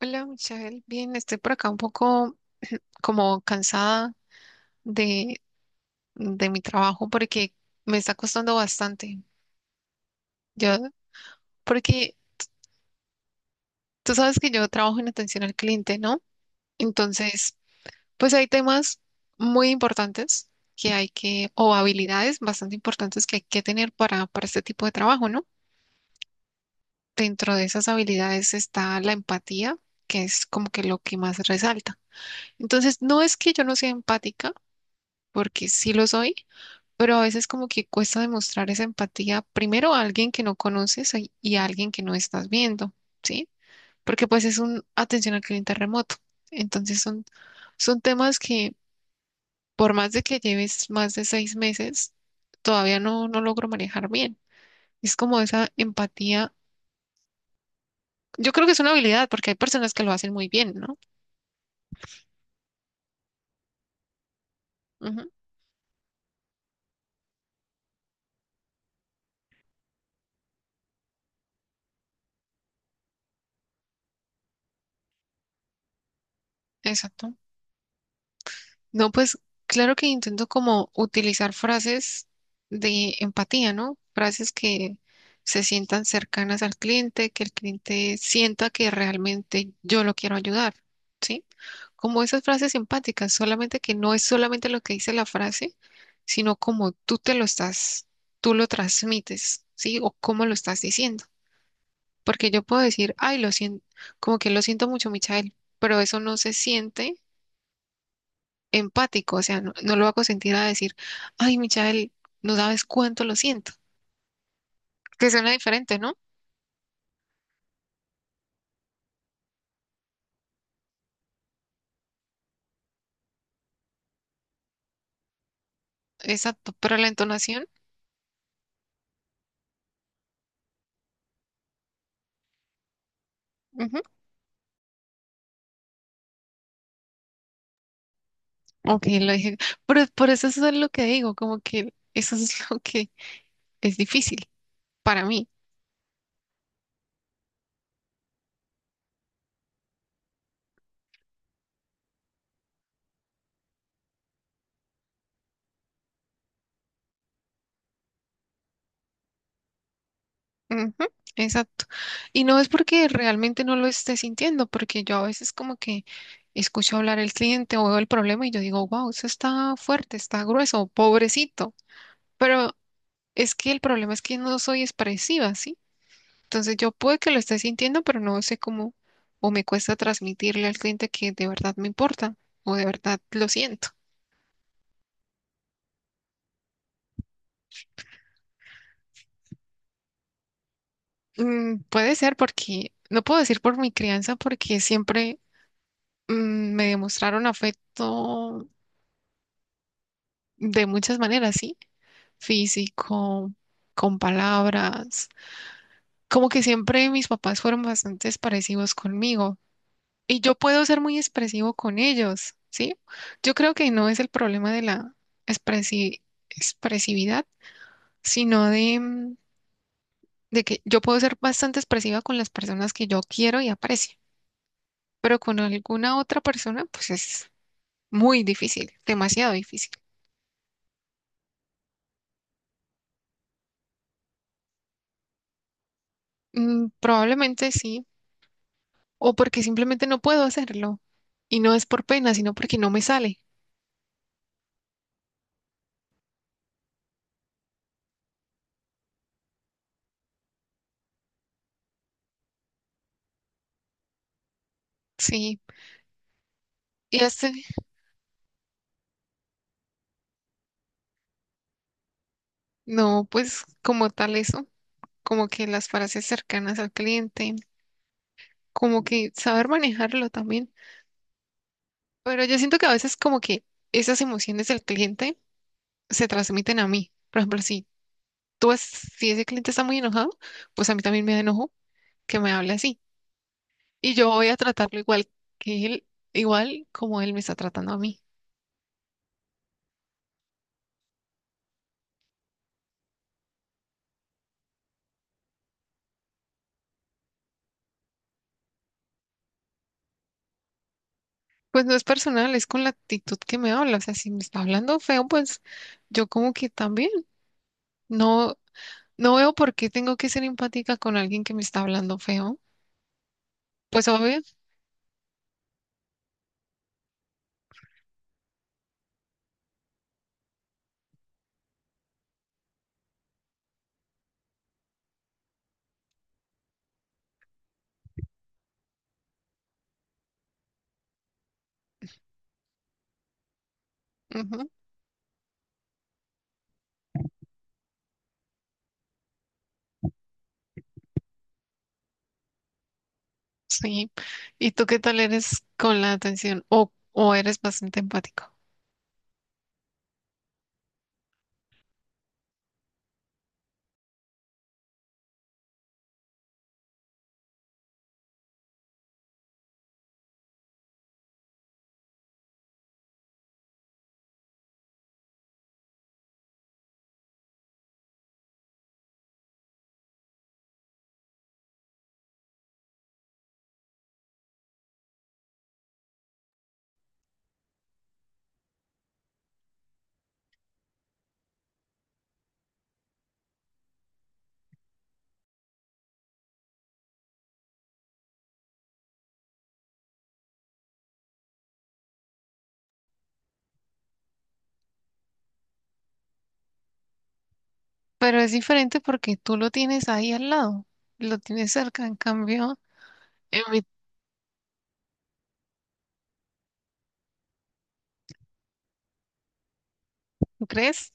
Hola, Michelle. Bien, estoy por acá un poco como cansada de, de mi trabajo porque me está costando bastante. Yo, Porque tú sabes que yo trabajo en atención al cliente, ¿no? Entonces, pues hay temas muy importantes o habilidades bastante importantes que hay que tener para este tipo de trabajo, ¿no? Dentro de esas habilidades está la empatía, que es como que lo que más resalta. Entonces, no es que yo no sea empática, porque sí lo soy, pero a veces como que cuesta demostrar esa empatía primero a alguien que no conoces y a alguien que no estás viendo, ¿sí? Porque pues es un atención al cliente remoto. Entonces son temas que por más de que lleves más de 6 meses, todavía no logro manejar bien. Es como esa empatía. Yo creo que es una habilidad porque hay personas que lo hacen muy bien, ¿no? Ujú, exacto. No, pues claro que intento como utilizar frases de empatía, ¿no? Frases que se sientan cercanas al cliente, que el cliente sienta que realmente yo lo quiero ayudar, ¿sí? Como esas frases empáticas, solamente que no es solamente lo que dice la frase, sino como tú te lo estás, tú lo transmites, ¿sí? O cómo lo estás diciendo. Porque yo puedo decir, ay, lo siento, como que lo siento mucho, Michael, pero eso no se siente empático, o sea, no lo hago sentir a decir, ay, Michael, no sabes cuánto lo siento, que suena diferente, ¿no? Exacto, pero la entonación, ujú, ok, lo dije, pero por eso es lo que digo, como que eso es lo que es difícil para mí, ujú, exacto, y no es porque realmente no lo esté sintiendo, porque yo a veces como que escucho hablar el cliente o veo el problema y yo digo, wow, eso está fuerte, está grueso, pobrecito, pero es que el problema es que no soy expresiva, ¿sí? Entonces yo puede que lo esté sintiendo, pero no sé cómo o me cuesta transmitirle al cliente que de verdad me importa o de verdad lo siento. Puede ser porque, no puedo decir por mi crianza, porque siempre me demostraron afecto de muchas maneras, ¿sí? Físico, con palabras. Como que siempre mis papás fueron bastante parecidos conmigo, y yo puedo ser muy expresivo con ellos, ¿sí? Yo creo que no es el problema de la expresi- expresividad, sino de, de que yo puedo ser bastante expresiva con las personas que yo quiero y aprecio, pero con alguna otra persona, pues es muy difícil, demasiado difícil. Probablemente sí, o porque simplemente no puedo hacerlo, y no es por pena, sino porque no me sale, ¿sí? Y este, no, pues como tal eso, como que las frases cercanas al cliente, como que saber manejarlo también. Pero yo siento que a veces como que esas emociones del cliente se transmiten a mí. Por ejemplo, si ese cliente está muy enojado, pues a mí también me da enojo que me hable así. Y yo voy a tratarlo igual que él, igual como él me está tratando a mí. Pues no es personal, es con la actitud que me habla. O sea, si me está hablando feo, pues yo como que también no, no veo por qué tengo que ser empática con alguien que me está hablando feo. Pues obvio. Ujú. Sí. ¿Y tú qué tal eres con la atención? O eres bastante empático. Pero es diferente porque tú lo tienes ahí al lado, lo tienes cerca. En cambio, en mi- ¿tú crees?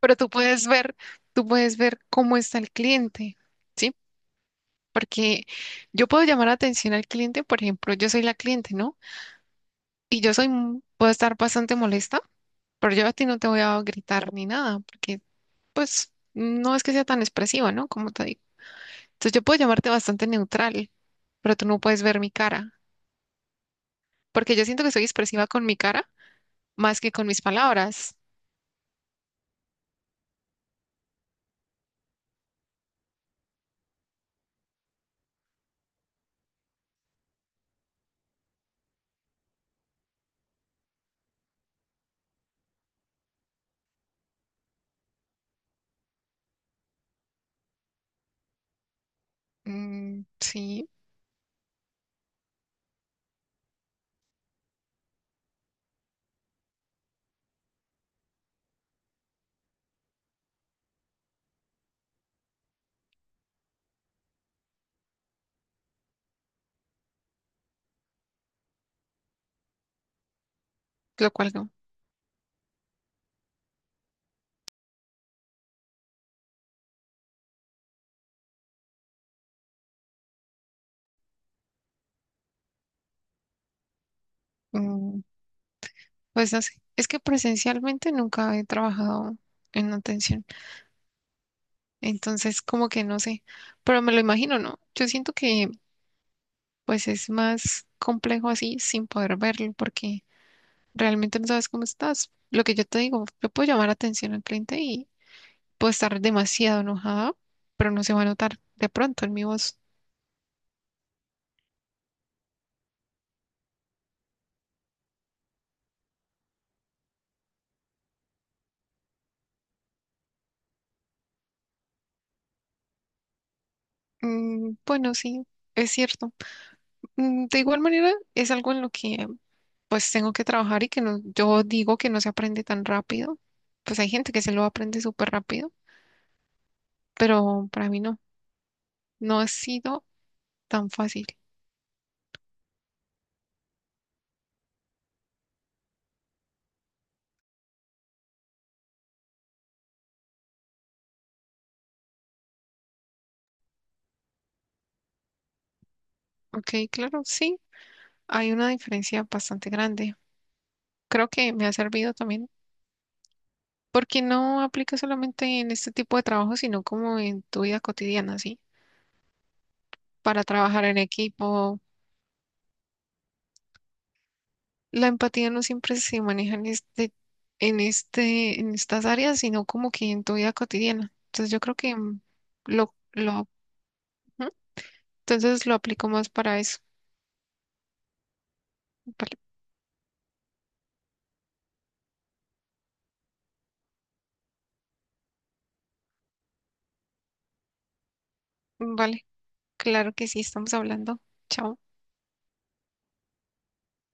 Pero tú puedes ver cómo está el cliente, ¿sí? Porque yo puedo llamar la atención al cliente, por ejemplo, yo soy la cliente, ¿no? Y yo soy, m- puedo estar bastante molesta, pero yo a ti no te voy a gritar ni nada, porque pues no es que sea tan expresiva, ¿no? Como te digo. Entonces yo puedo llamarte bastante neutral, pero tú no puedes ver mi cara, porque yo siento que soy expresiva con mi cara más que con mis palabras. Mm, sí, lo cual no. Mm, pues no sé, es que presencialmente nunca he trabajado en atención, entonces como que no sé, pero me lo imagino, ¿no? Yo siento que pues es más complejo así sin poder verlo porque realmente no sabes cómo estás. Lo que yo te digo, yo puedo llamar atención al cliente y puedo estar demasiado enojada, pero no se va a notar de pronto en mi voz. Bueno, sí, es cierto. De igual manera, es algo en lo que pues tengo que trabajar y que no, yo digo que no se aprende tan rápido. Pues hay gente que se lo aprende súper rápido, pero para mí no, no ha sido tan fácil. Ok, claro, sí, hay una diferencia bastante grande. Creo que me ha servido también porque no aplica solamente en este tipo de trabajo, sino como en tu vida cotidiana, ¿sí? Para trabajar en equipo, la empatía no siempre se maneja en estas áreas, sino como que en tu vida cotidiana. Entonces yo creo que lo, lo, ujú, entonces lo aplico más para eso. Vale, vale, claro que sí, estamos hablando. Chao.